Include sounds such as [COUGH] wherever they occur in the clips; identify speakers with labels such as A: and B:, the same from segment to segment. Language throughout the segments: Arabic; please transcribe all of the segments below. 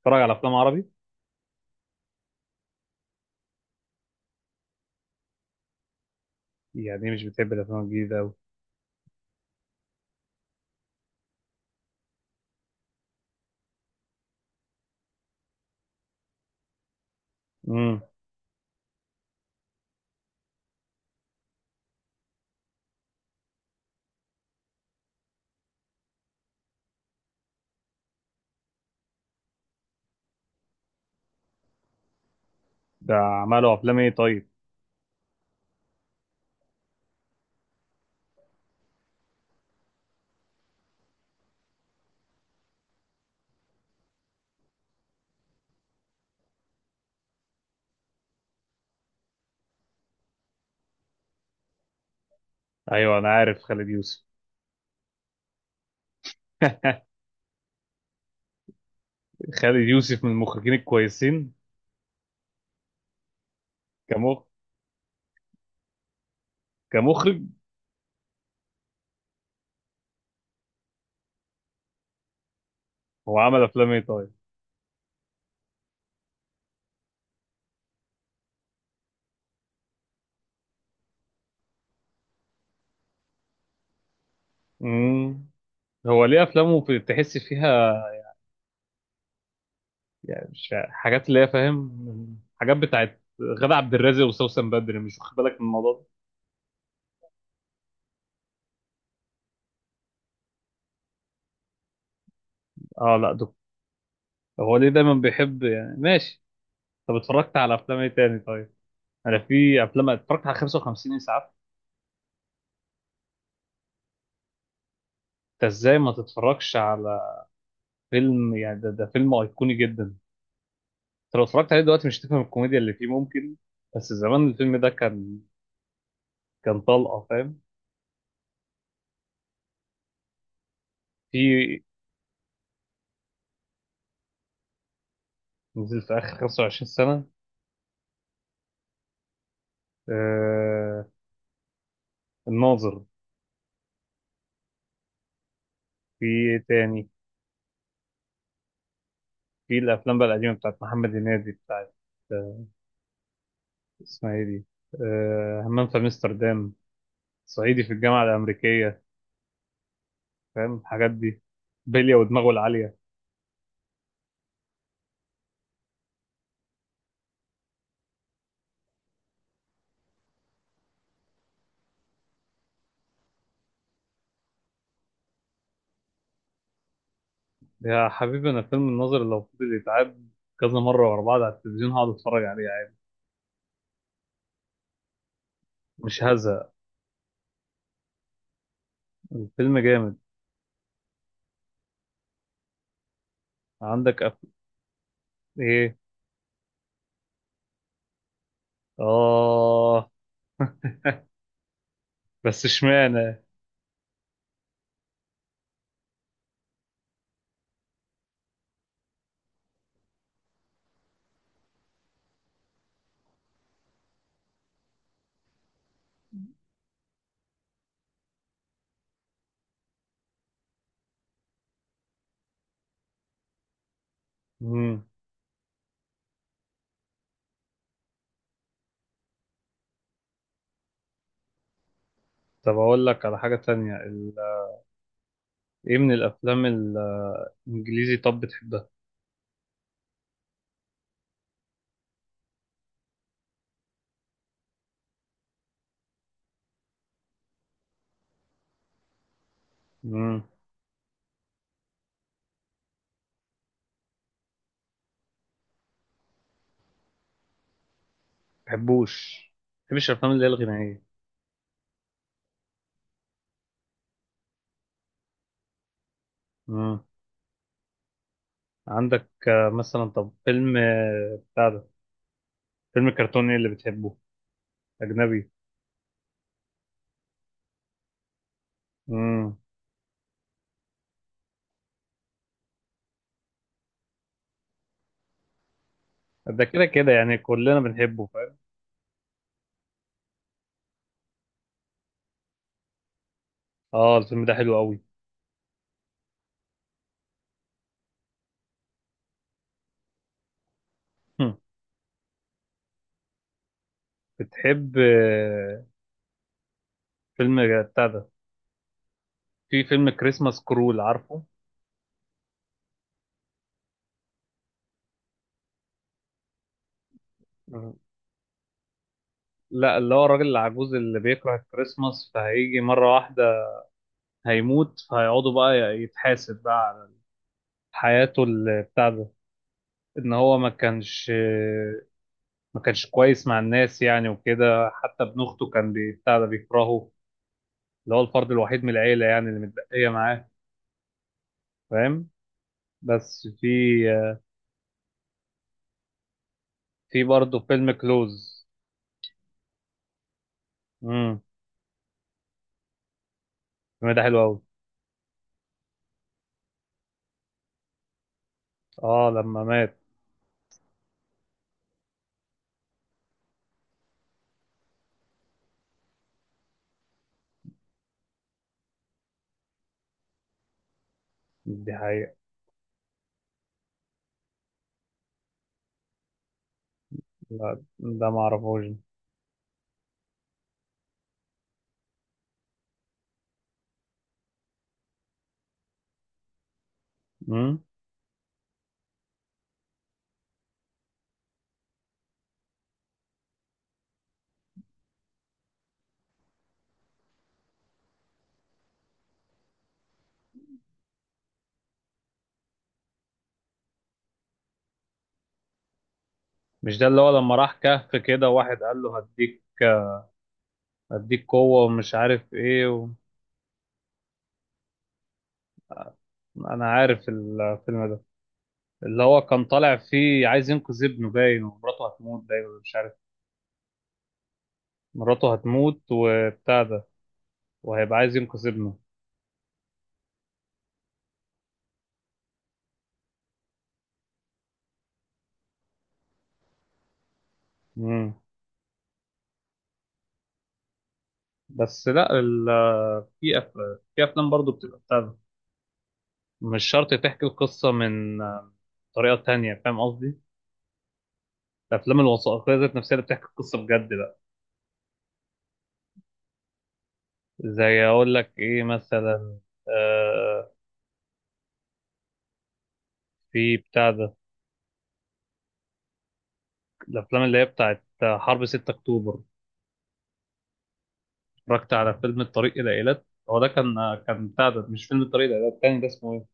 A: بتتفرج على افلام عربي؟ يعني مش بتحب الافلام الجديده قوي؟ امم ده عملوا افلام ايه طيب؟ ايوه انا عارف خالد يوسف. [LAUGHS] خالد يوسف من المخرجين الكويسين. كمخ كمخرج. هو عمل افلام ايه طيب؟ امم هو ليه افلامه تحس فيها يعني مش حاجات اللي هي، فاهم، حاجات بتاعت غادة عبد الرازق وسوسن بدري، مش واخد بالك من الموضوع ده؟ اه، لا دكتور. هو ليه دايما بيحب؟ يعني ماشي. طب اتفرجت على افلام ايه تاني طيب؟ انا في افلام، اتفرجت على 55 اسعاف. انت ازاي ما تتفرجش على فيلم يعني ده؟ ده فيلم ايقوني جدا. انت لو اتفرجت عليه دلوقتي مش هتفهم الكوميديا اللي فيه ممكن، بس زمان الفيلم ده كان، كان طلقه، فاهم؟ في نزل في اخر 25 سنه آه الناظر. في إيه تاني؟ في الافلام بقى القديمه بتاعت محمد هنيدي، بتاعت آه اسمها ايه دي؟ همام في امستردام، صعيدي في الجامعه الامريكيه، فاهم الحاجات دي؟ بلية ودماغه العاليه. يا حبيبي، انا فيلم الناظر لو فضل يتعاد كذا مره ورا بعض على التلفزيون، هقعد اتفرج عليه عادي، مش هزهق. الفيلم جامد. عندك ايه؟ اه. [LAUGHS] بس اشمعنى؟ مم. طب اقول لك على حاجه تانية، ايه من الافلام الانجليزي طب بتحبها؟ امم بحبوش، بحبش الافلام اللي هي الغنائيه. امم عندك مثلا طب فيلم بتاع ده، فيلم كرتوني اللي بتحبه، اجنبي؟ امم ده كده كده يعني كلنا بنحبه. اه الفيلم ده حلو قوي. هم. بتحب فيلم بتاع ده، في فيلم كريسماس كرول، عارفه؟ مم. لا، اللي هو الراجل العجوز اللي بيكره الكريسماس، فهيجي مرة واحدة هيموت، فهيقعدوا بقى يتحاسب بقى على حياته، بتاع ده، ان هو ما كانش ما كانش كويس مع الناس يعني وكده، حتى ابن اخته كان بتاع ده، بيكرهه اللي هو الفرد الوحيد من العيلة يعني اللي متبقية معاه، فاهم؟ بس في آه، في برضه فيلم كلوز. امم الفيلم ده حلو قوي. اه لما مات، دي حقيقة. لا ده ما اعرفوش. مم؟ مش ده اللي هو لما راح كهف كده واحد قال له هديك، هديك قوة ومش عارف ايه انا عارف الفيلم ده، اللي هو كان طالع فيه عايز ينقذ ابنه باين، ومراته هتموت باين، ولا مش عارف. مراته هتموت وبتاع ده، وهيبقى عايز ينقذ ابنه. مم. بس لا في في افلام برضو بتبقى بتاع ده، مش شرط تحكي القصة من طريقة تانية، فاهم قصدي؟ الافلام الوثائقيه ذات نفسها اللي بتحكي القصه بجد بقى، زي اقول لك ايه مثلا، آه في بتاع ده، الافلام اللي هي بتاعت حرب 6 اكتوبر. اتفرجت على فيلم الطريق الى ايلات، هو ده كان، كان بتاع ده، مش فيلم الطريق الى ايلات التاني، ده اسمه ايه؟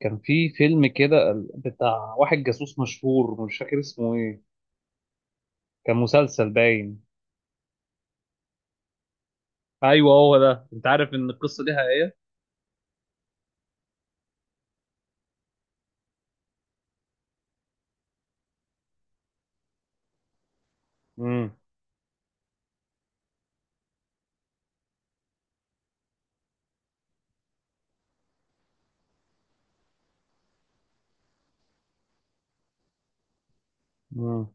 A: كان في فيلم كده بتاع واحد جاسوس مشهور، مش فاكر اسمه ايه، كان مسلسل باين. ايوه هو ده. انت عارف ان القصه دي حقيقيه؟ امم امم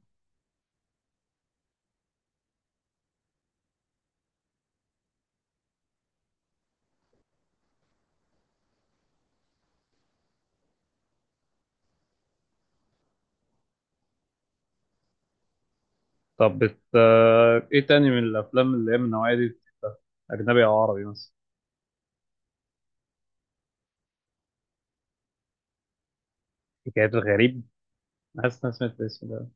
A: طب ايه تاني من الافلام اللي هي من النوعيه دي، اجنبي او عربي مثلا؟ حكايات الغريب؟ حاسس إن أنا سمعت الاسم ده.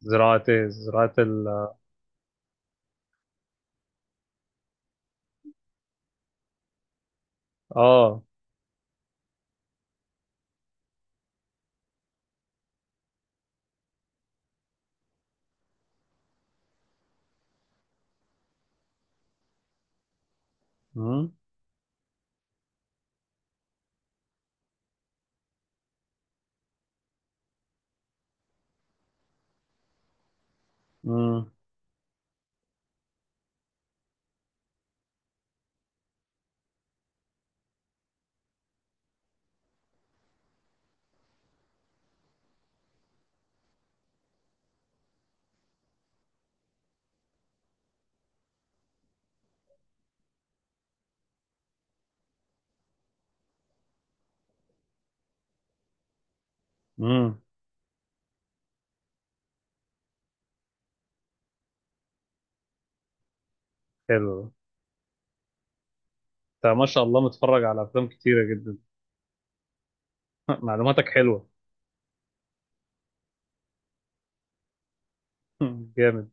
A: زراعة إيه؟ زراعة ال آه مم. مم. مم. حلو. أنت ما شاء الله متفرج على أفلام كتيرة جدا. [LAUGHS] معلوماتك حلوة. [LAUGHS] جامد.